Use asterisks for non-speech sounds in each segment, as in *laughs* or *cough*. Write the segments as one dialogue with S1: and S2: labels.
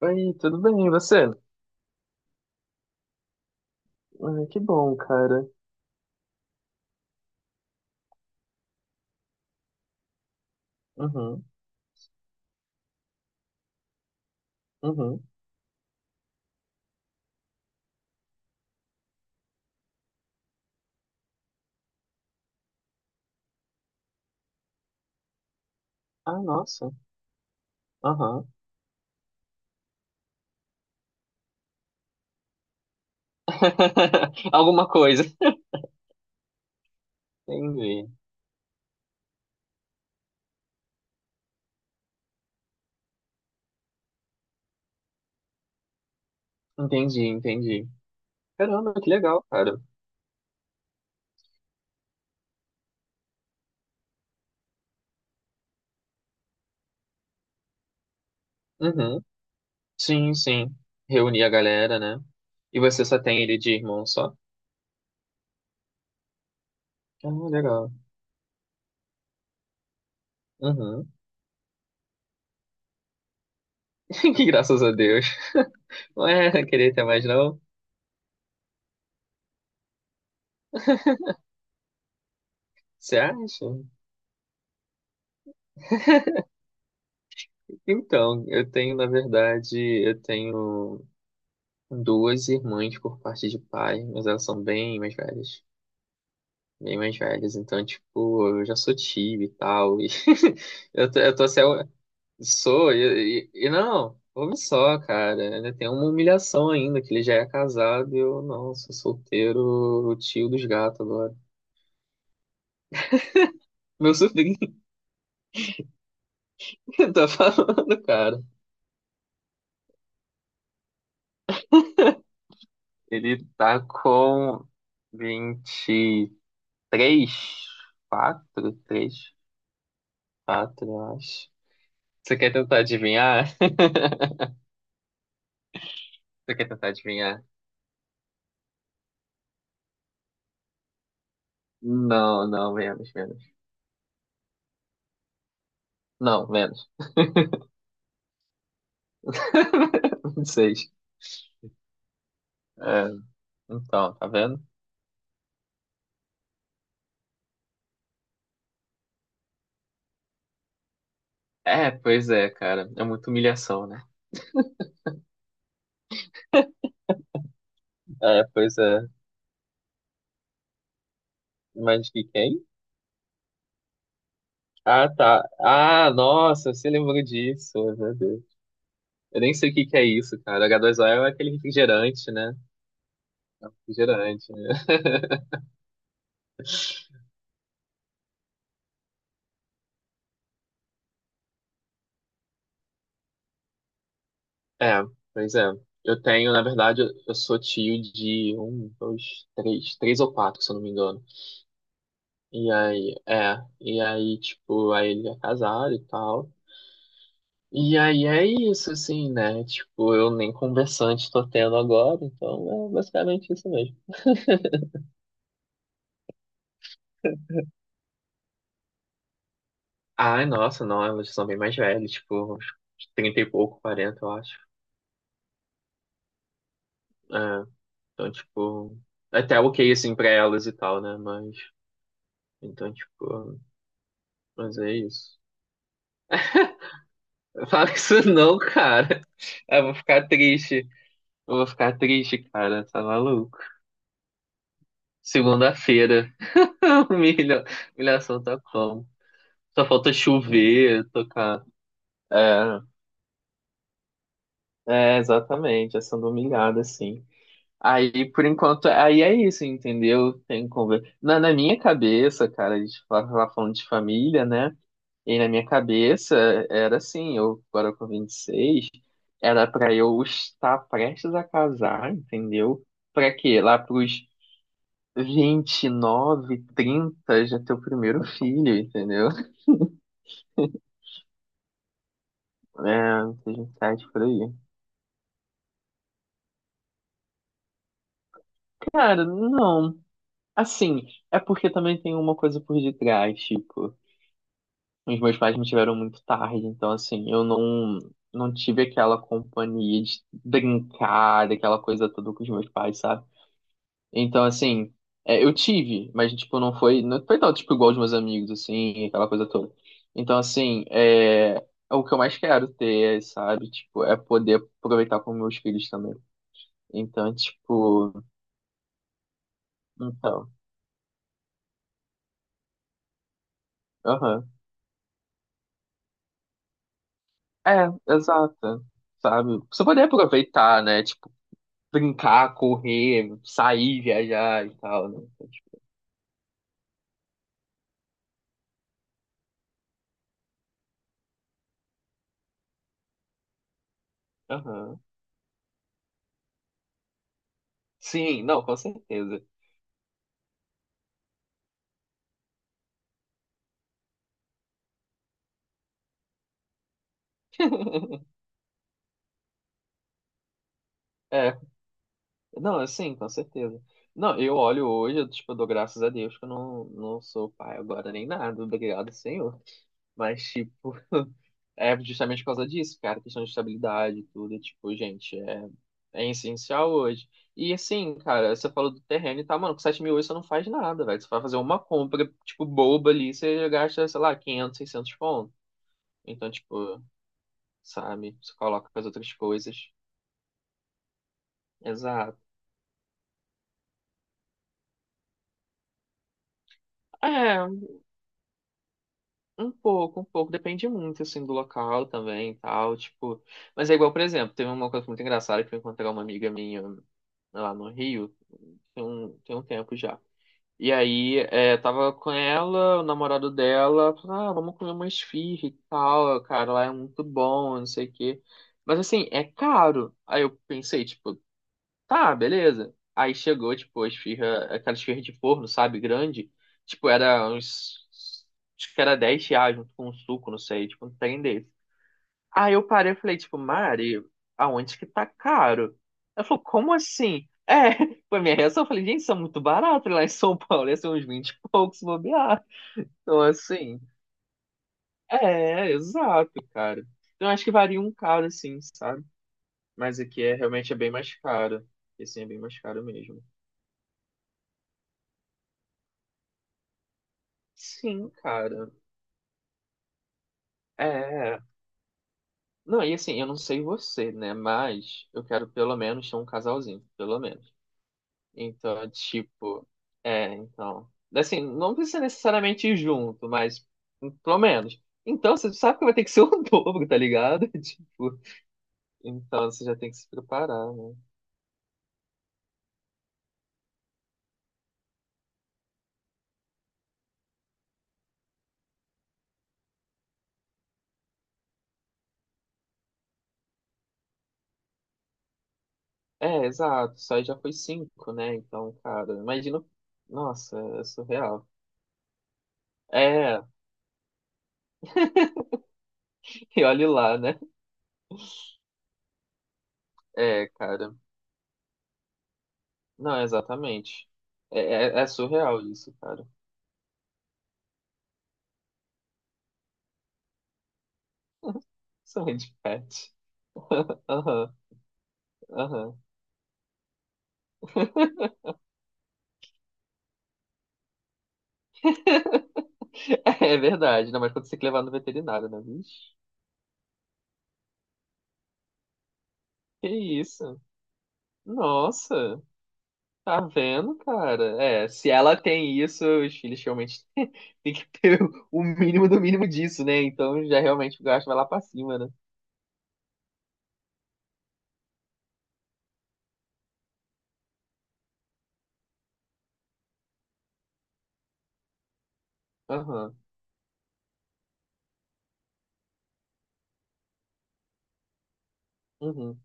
S1: Oi, tudo bem, e você? Ai, que bom, cara. Uhum, uhum. Ah, nossa. Aham. *laughs* Alguma coisa. Entendi. Entendi, entendi. Caramba, que legal, cara. Uhum. Sim, sim. Reunir a galera, né? E você só tem ele de irmão só? Ah, legal. Uhum. *laughs* Que graças a Deus. *laughs* Não é querer ter mais, não? Você acha? Então, eu tenho, na verdade, eu tenho. Duas irmãs por parte de pai, mas elas são bem mais velhas. Bem mais velhas. Então, tipo, eu já sou tio e tal. E *laughs* eu tô assim, eu sou, e não, ouve só, cara. Ainda tem uma humilhação ainda, que ele já é casado e eu não, sou solteiro, tio dos gatos agora. Meu sobrinho *laughs* que tá falando, cara. Ele tá com 23, 4, 3, 4, eu acho. Você quer tentar adivinhar? Você quer tentar adivinhar? Não, não, menos, menos. Não, menos. *laughs* Seis. É, então, tá vendo? É, pois é, cara. É muita humilhação, né? É, pois é. Mas de quem? Ah, tá. Ah, nossa, você lembrou disso, meu Deus. Eu nem sei o que que é isso, cara. H2O é aquele refrigerante, né? Refrigerante, né? *laughs* É, pois é. Eu tenho, na verdade, eu sou tio de um, dois, três, três ou quatro, se eu não me engano. E aí, é, e aí, tipo, aí ele é casado e tal. E aí é isso, assim, né? Tipo, eu nem conversante tô tendo agora, então é basicamente isso mesmo. Ai, nossa, não, elas são bem mais velhas, tipo, uns 30 e pouco, 40 eu acho. É, então, tipo, até ok, assim, pra elas e tal, né? Mas, então, tipo, mas é isso. *laughs* Fala isso não, cara. Eu vou ficar triste. Eu vou ficar triste, cara, tá maluco. Segunda-feira. *laughs* Humilha, humilhação tá como? Só falta chover, tocar. É, exatamente, é sendo humilhada, assim. Aí, por enquanto, aí é isso, entendeu? Tem conversa. Na minha cabeça, cara, a gente tava falando de família, né? E na minha cabeça era assim, eu agora com 26 era pra eu estar prestes a casar, entendeu? Pra quê? Lá pros 29 30 já ter o primeiro filho, entendeu? É, seja um site por aí. Cara, não. Assim, é porque também tem uma coisa por detrás, tipo, os meus pais me tiveram muito tarde, então assim, eu não tive aquela companhia de brincar, daquela coisa toda com os meus pais, sabe? Então assim, é, eu tive, mas tipo, não foi tão tipo igual os meus amigos, assim, aquela coisa toda. Então assim, é o que eu mais quero ter, sabe? Tipo, é poder aproveitar com meus filhos também. Então, tipo, então. Aham. É, exato. Sabe? Você poder aproveitar, né? Tipo, brincar, correr, sair, viajar e tal, né? Então, tipo, Aham. Sim, não, com certeza. *laughs* É não, é sim, com certeza. Não, eu olho hoje, eu, tipo, dou graças a Deus que eu não sou pai agora nem nada. Obrigado, Senhor. Mas, tipo, *laughs* é justamente por causa disso, cara, questão de estabilidade e tudo, tipo, gente, é essencial hoje. E assim, cara, você falou do terreno e tá, mano, com 7.000 hoje você não faz nada, velho. Você vai fazer uma compra, tipo, boba ali, você gasta, sei lá, 500 600 pontos. Então, tipo, sabe, você coloca as outras coisas. Exato. É, um pouco, um pouco. Depende muito, assim, do local também e tal, tipo. Mas é igual, por exemplo, teve uma coisa muito engraçada que eu encontrei uma amiga minha lá no Rio, tem um tempo já. E aí, é, tava com ela, o namorado dela, falou, ah, vamos comer uma esfirra e tal, cara, lá é muito bom, não sei o quê. Mas assim, é caro. Aí eu pensei, tipo, tá, beleza. Aí chegou, tipo, a esfirra, aquela esfirra de forno, sabe, grande. Tipo, era uns. Acho que era R$ 10 junto com um suco, não sei, tipo, um trem desse. Aí eu parei e falei, tipo, Mari, aonde que tá caro? Ela falou, como assim? *laughs* É, foi minha reação. Eu falei, gente, isso é muito barato lá em São Paulo, ia ser uns 20 e poucos se bobear. Então, assim, é, exato, cara. Então, acho que varia um caro, assim, sabe? Mas aqui é realmente é bem mais caro. Esse é bem mais caro mesmo. Sim, cara. É. Não, e assim, eu não sei você, né? Mas eu quero pelo menos ter um casalzinho, pelo menos. Então, é tipo, é, então. Assim, não precisa necessariamente ir junto, mas pelo menos. Então, você sabe que vai ter que ser o *laughs* dobro, tá ligado? *laughs* Tipo, então você já tem que se preparar, né? É, exato. Só aí já foi cinco, né? Então, cara, imagina. Nossa, é surreal. É, *laughs* e olhe lá, né? É, cara. Não, exatamente. É surreal isso, cara. *laughs* Sonho de pet. *laughs* Aham, aham. *laughs* É verdade, não, mas quando você tem que levar no veterinário, né, bicho? Que isso? Nossa, tá vendo, cara? É, se ela tem isso, os filhos realmente *laughs* têm que ter o mínimo do mínimo disso, né? Então já realmente o gasto vai lá pra cima, né? Aham, uhum.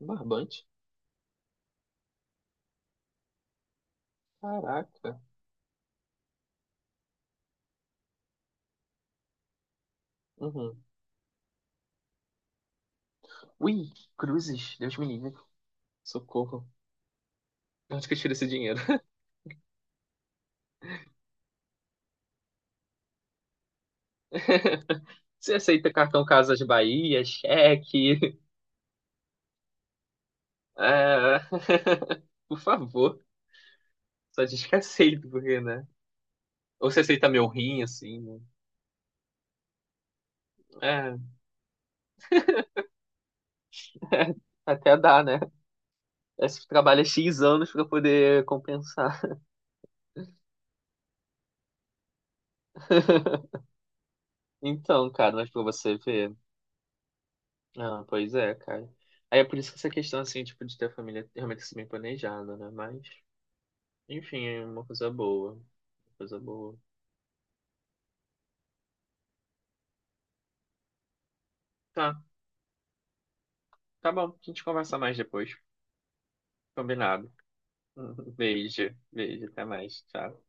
S1: Um barbante? Caraca. Uhum. Ui, cruzes, Deus me livre. Socorro. Onde que eu tiro esse dinheiro? Você aceita cartão Casas Bahia, cheque? Ah, *laughs* por favor, só diz que aceito, porque, né? Ou você aceita meu rim, assim, né? É, *laughs* até dá, né? Aí você trabalha X anos pra poder compensar. Então, cara, mas pra você ver. Ah, pois é, cara. Aí é por isso que essa questão, assim, tipo, de ter a família realmente assim, bem planejada, né? Mas, enfim, é uma coisa boa. Uma coisa boa. Tá, tá bom. A gente conversa mais depois. Combinado. *laughs* Beijo, beijo, até mais. Tchau.